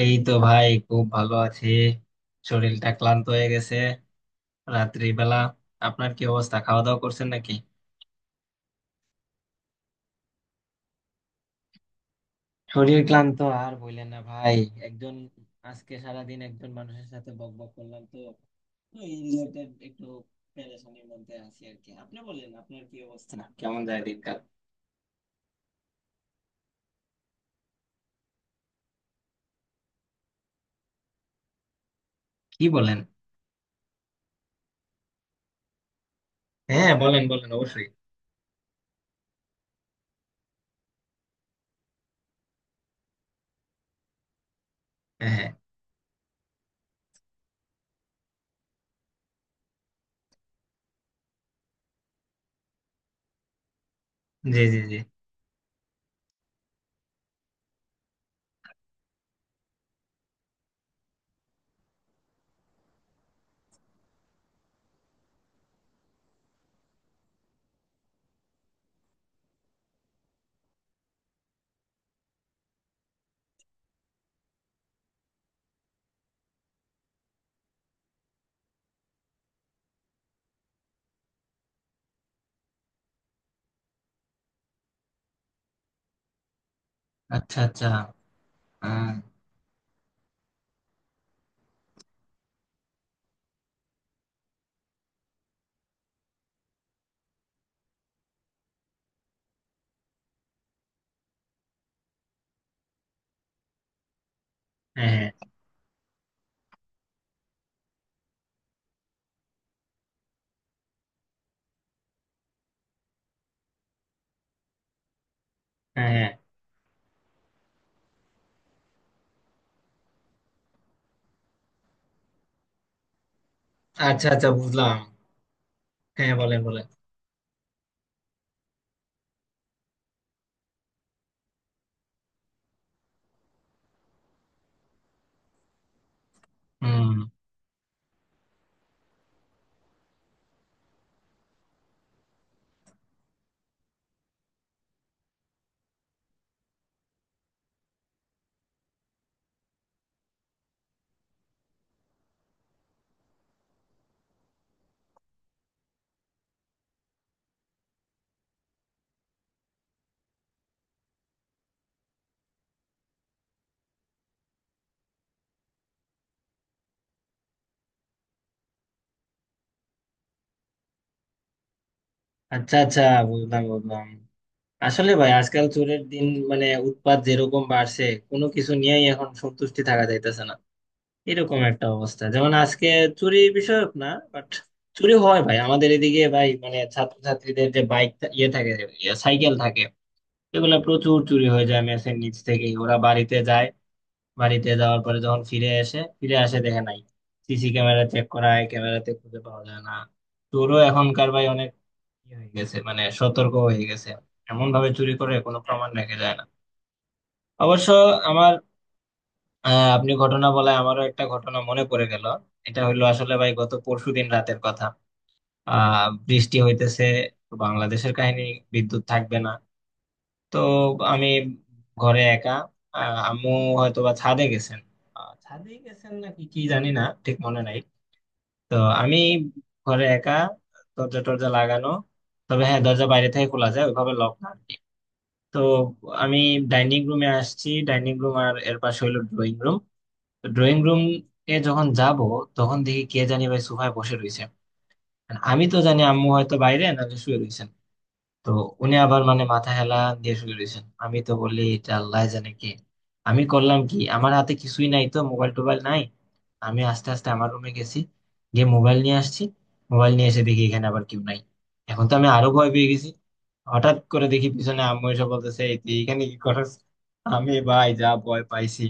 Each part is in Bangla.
এই তো ভাই, খুব ভালো আছি। শরীরটা ক্লান্ত হয়ে গেছে, রাত্রিবেলা। আপনার কি অবস্থা? খাওয়া দাওয়া করছেন নাকি? শরীর ক্লান্ত, আর বললেন না ভাই। একজন আজকে সারাদিন একজন মানুষের সাথে বক বক করলাম তো, এই রিলেটেড একটু পেরেশানির মধ্যে আছি আর কি। আপনি বলেন, আপনার কি অবস্থা? কেমন যায় দিনকাল? কি বলেন? হ্যাঁ, বলেন বলেন, অবশ্যই। হ্যাঁ হ্যাঁ। জি জি জি। আচ্ছা আচ্ছা। আহ, হ্যাঁ হ্যাঁ হ্যাঁ হ্যাঁ। আচ্ছা আচ্ছা, বুঝলাম। হ্যাঁ, বলেন বলেন। হুম। আচ্ছা আচ্ছা, বুঝলাম বুঝলাম। আসলে ভাই, আজকাল চোরের দিন, মানে উৎপাত যেরকম বাড়ছে, কোনো কিছু নিয়েই এখন সন্তুষ্টি থাকা যাইতেছে না। এরকম একটা অবস্থা। যেমন আজকে চুরি বিষয়ক না, বাট চুরি হয় ভাই আমাদের এদিকে ভাই, মানে ছাত্রছাত্রীদের যে বাইক, ইয়ে থাকে, সাইকেল থাকে, এগুলো প্রচুর চুরি হয়ে যায়। মেসের নিচ থেকে ওরা বাড়িতে যায়, বাড়িতে যাওয়ার পরে যখন ফিরে আসে, দেখে নাই। সিসি ক্যামেরা চেক করায়, ক্যামেরাতে খুঁজে পাওয়া যায় না। চোরও এখনকার ভাই অনেক ইয়ে হয়ে গেছে, মানে সতর্ক হয়ে গেছে। এমন ভাবে চুরি করে কোনো প্রমাণ রেখে যায় না। অবশ্য আমার, আপনি ঘটনা বলায় আমারও একটা ঘটনা মনে পড়ে গেল। এটা হইলো আসলে ভাই গত পরশুদিন রাতের কথা। বৃষ্টি হইতেছে, তো বাংলাদেশের কাহিনী, বিদ্যুৎ থাকবে না। তো আমি ঘরে একা, আম্মু হয়তো বা ছাদে গেছেন, ছাদে গেছেন নাকি কি জানি না, ঠিক মনে নাই। তো আমি ঘরে একা, দরজা টরজা লাগানো, তবে হ্যাঁ, দরজা বাইরে থেকে খোলা যায়, ওইভাবে লক না। তো আমি ডাইনিং রুমে আসছি। ডাইনিং রুম আর এর পাশে হলো ড্রয়িং রুম। তো ড্রয়িং রুম এ যখন যাব, তখন দেখি কে জানি ভাই সোফায় বসে রয়েছে। আর আমি তো জানি আম্মু হয়তো বাইরে, নাহলে শুয়ে রয়েছেন। তো উনি আবার মানে মাথা হেলা দিয়ে শুয়ে রয়েছেন। আমি তো বলি এটা আল্লাহ জানে কে। আমি করলাম কি, আমার হাতে কিছুই নাই তো, মোবাইল টোবাইল নাই। আমি আস্তে আস্তে আমার রুমে গেছি, গিয়ে মোবাইল নিয়ে আসছি। মোবাইল নিয়ে এসে দেখি এখানে আবার কেউ নাই। এখন তো আমি আরো ভয় পেয়ে গেছি। হঠাৎ করে দেখি পিছনে আম্মু এসে বলতেছে, "এই, তুই এখানে কি করছ?" আমি ভাই যা ভয় পাইছি!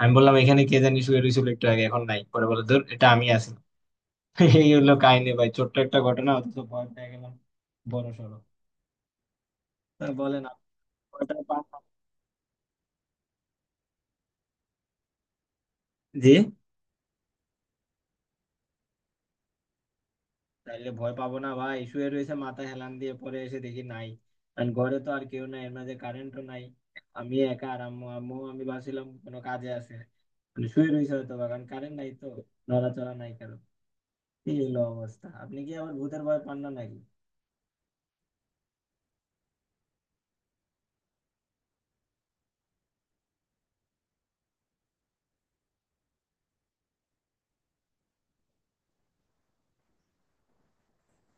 আমি বললাম এখানে কে জানি শুয়ে রয়েছিল একটু আগে, এখন নাই। পরে বলে, ধর এটা আমি আছি। এই হলো কাহিনী ভাই, ছোট্ট একটা ঘটনা অথচ ভয় পেয়ে গেলাম বড় সড়ো। বলেন, ভয় টয় পাবো না। জি। তাইলে ভয় পাবো না ভাই? শুয়ে রয়েছে মাথা হেলান দিয়ে, পরে এসে দেখি নাই। কারণ ঘরে তো আর কেউ নাই, এর মাঝে কারেন্টও নাই, আমি একা আর আম্মু। আমি ভাবছিলাম কোনো কাজে আছে, মানে শুয়ে রয়েছে হয়তো বা, কারণ কারেন্ট নাই তো, নড়াচড়া নাই কারো। এই হলো অবস্থা। আপনি কি আবার ভূতের ভয় পান না নাকি?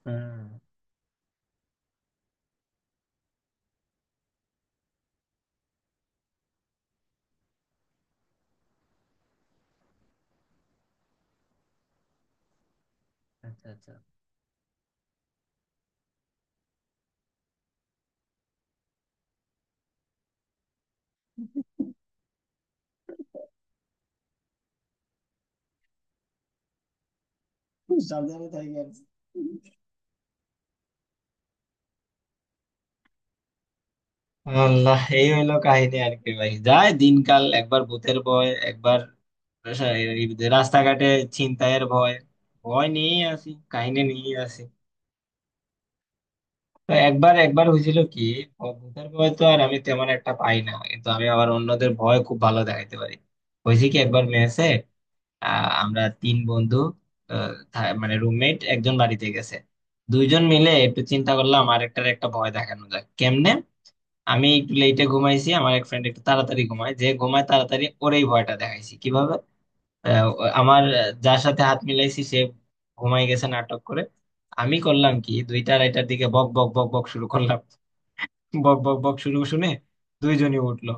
হ্যাঁ। আচ্ছা আচ্ছা। খুব সাবধানে থাকেন। আল্লাহ, এই হইলো কাহিনী আর কি ভাই, যায় দিনকাল। একবার ভূতের ভয়, একবার রাস্তাঘাটে ছিনতাইয়ের ভয়। ভয় নিয়ে আসি, কাহিনী নিয়ে আসি। তো একবার একবার হয়েছিল কি, ভূতের ভয় তো আর আমি তেমন একটা পাই না, কিন্তু আমি আবার অন্যদের ভয় খুব ভালো দেখাইতে পারি। হয়েছে কি, একবার মেসে আমরা তিন বন্ধু, আহ, থা- মানে রুমমেট একজন বাড়িতে গেছে। দুইজন মিলে একটু চিন্তা করলাম আরেকটার একটা ভয় দেখানো যায় কেমনে। আমি একটু লেটে ঘুমাইছি, আমার এক ফ্রেন্ড একটু তাড়াতাড়ি ঘুমায়, যে ঘুমায় তাড়াতাড়ি ওরেই ভয়টা দেখাইছি। কিভাবে? আমার যার সাথে হাত মিলাইছি সে ঘুমাই গেছে নাটক করে। আমি করলাম কি, দুইটা আড়াইটার দিকে বক বক বক বক শুরু করলাম। বক বক বক শুরু শুনে দুইজনই উঠলো।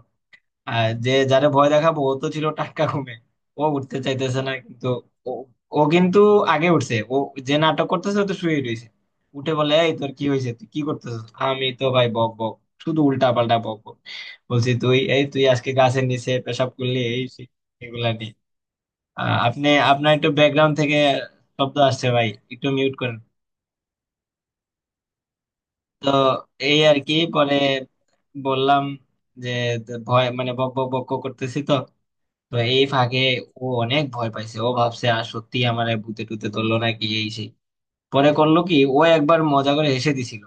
আর যে যারে ভয় দেখাবো ও তো ছিল টাটকা ঘুমে, ও উঠতে চাইতেছে না, কিন্তু ও, ও কিন্তু আগে উঠছে ও। যে নাটক করতেছে ও তো শুয়ে রয়েছে। উঠে বলে, এই তোর কি হয়েছে, তুই কি করতেছিস? আমি তো ভাই বক বক, শুধু উল্টা পাল্টা বক বক। বলছি, তুই এই তুই আজকে গাছের নিচে পেশাব করলি, এই সেই, এগুলা নিয়ে। আপনি আপনার একটু ব্যাকগ্রাউন্ড থেকে শব্দ আসছে ভাই, একটু মিউট করেন। তো এই আর কি, পরে বললাম যে ভয়, মানে বক বক বক বক করতেছি তো, তো এই ফাঁকে ও অনেক ভয় পাইছে। ও ভাবছে আর সত্যি আমার ভূতে টুতে ধরলো নাকি, এই সেই। পরে করলো কি, ও একবার মজা করে হেসে দিছিল।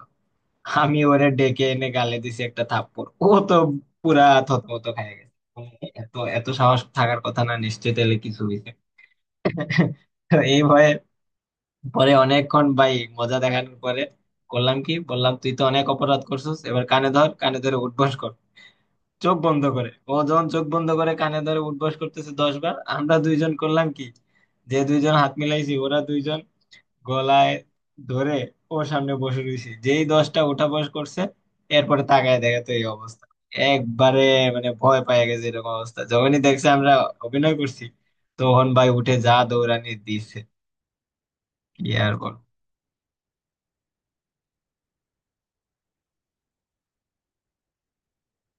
আমি ওরে ডেকে এনে গালে দিছি একটা থাপ্পড়। ও তো পুরা থতমত খেয়ে গেছে, মানে এত এত সাহস থাকার কথা না, নিশ্চয়ই তাহলে কিছু হইছে। তো এই ভয়ে, পরে অনেকক্ষণ ভাই মজা দেখানোর পরে করলাম কি, বললাম, তুই তো অনেক অপরাধ করছিস, এবার কানে ধর, কানে ধরে উঠবস কর, চোখ বন্ধ করে। ও যখন চোখ বন্ধ করে কানে ধরে উঠবস করতেছে 10 বার, আমরা দুইজন করলাম কি, যে দুইজন হাত মিলাইছি ওরা দুইজন গলায় ধরে ওর সামনে বসে রয়েছি। যেই দশটা ওঠা বস করছে, এরপরে তাকায় দেখে তো এই অবস্থা। একবারে মানে ভয় পায় গেছে এরকম অবস্থা। যখনই দেখছে আমরা অভিনয় করছি, তখন ভাই উঠে যা দৌড়ানি দিচ্ছে, কি আর বল!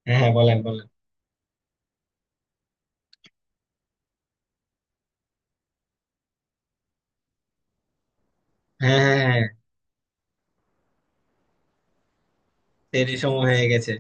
হ্যাঁ, হ্যাঁ বলেন বলেন। হ্যাঁ হ্যাঁ হ্যাঁ হ্যাঁ, দেরি সময় হয়ে গেছে।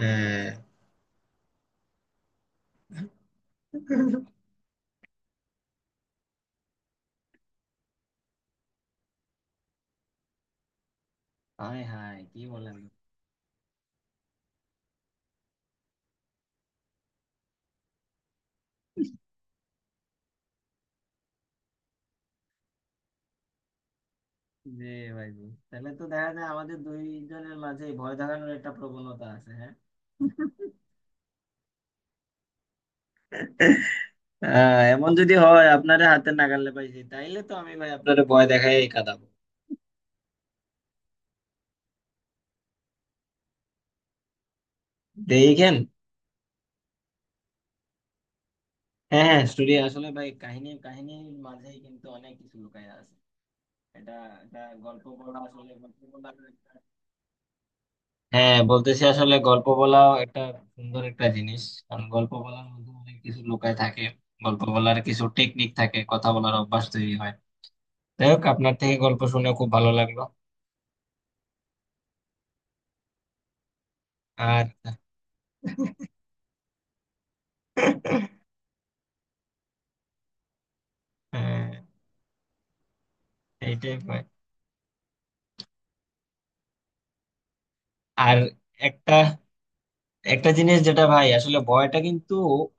হ্যাঁ। হায় হায়, কি বলেন! জি। ভাই জি। তাহলে তো দেখা যায় আমাদের দুইজনের মাঝে ভয় দেখানোর একটা প্রবণতা আছে, হ্যাঁ। এমন যদি হয় আপনারে হাতে নাগালে পাইছি, তাইলে তো আমি ভাই আপনারে ভয় দেখাই কাঁদাবো। দেখেন। হ্যাঁ হ্যাঁ, স্টোরি আসলে ভাই, কাহিনী, কাহিনীর মাঝেই কিন্তু অনেক কিছু লুকায় আছে। এটা, এটা গল্প বলা, আসলে গল্প বলার একটা, হ্যাঁ বলতেছি, আসলে গল্প বলাও একটা সুন্দর একটা জিনিস। কারণ গল্প বলার মধ্যে অনেক কিছু লুকায় থাকে। গল্প বলার কিছু টেকনিক থাকে, কথা বলার অভ্যাস তৈরি হয়। যাই হোক, আপনার থেকে গল্প শুনে খুব ভালো লাগলো। আর আহ, এইটাই ভয়। আর একটা, জিনিস যেটা ভাই, আসলে ভয়টা কিন্তু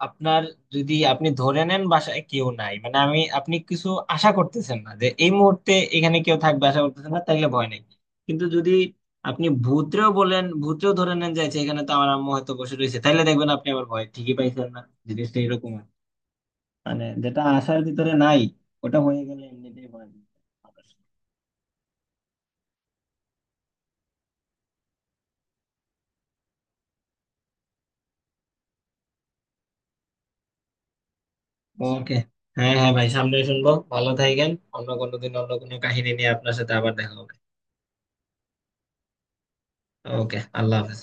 আপনার, যদি আপনি ধরে নেন বাসায় কেউ নাই, মানে আপনি কিছু আশা করতেছেন না যে এই মুহূর্তে এখানে কেউ থাকবে, আশা করতেছেন না, তাইলে ভয় নেই। কিন্তু যদি আপনি ভূতরেও বলেন, ধরে নেন যাচ্ছে এখানে তো আমার আম্মু হয়তো বসে রয়েছে, তাইলে দেখবেন আপনি আবার ভয় ঠিকই পাইছেন না। জিনিসটা এরকম আর কি। মানে যেটা আশার ভিতরে নাই, ওটা হয়ে গেলে এমনিতেই ভয় লাগে। ওকে। হ্যাঁ হ্যাঁ ভাই, সামনে শুনবো। ভালো থাকেন। অন্য কোনো দিন অন্য কোনো কাহিনী নিয়ে আপনার সাথে আবার দেখা হবে। ওকে, আল্লাহ হাফেজ।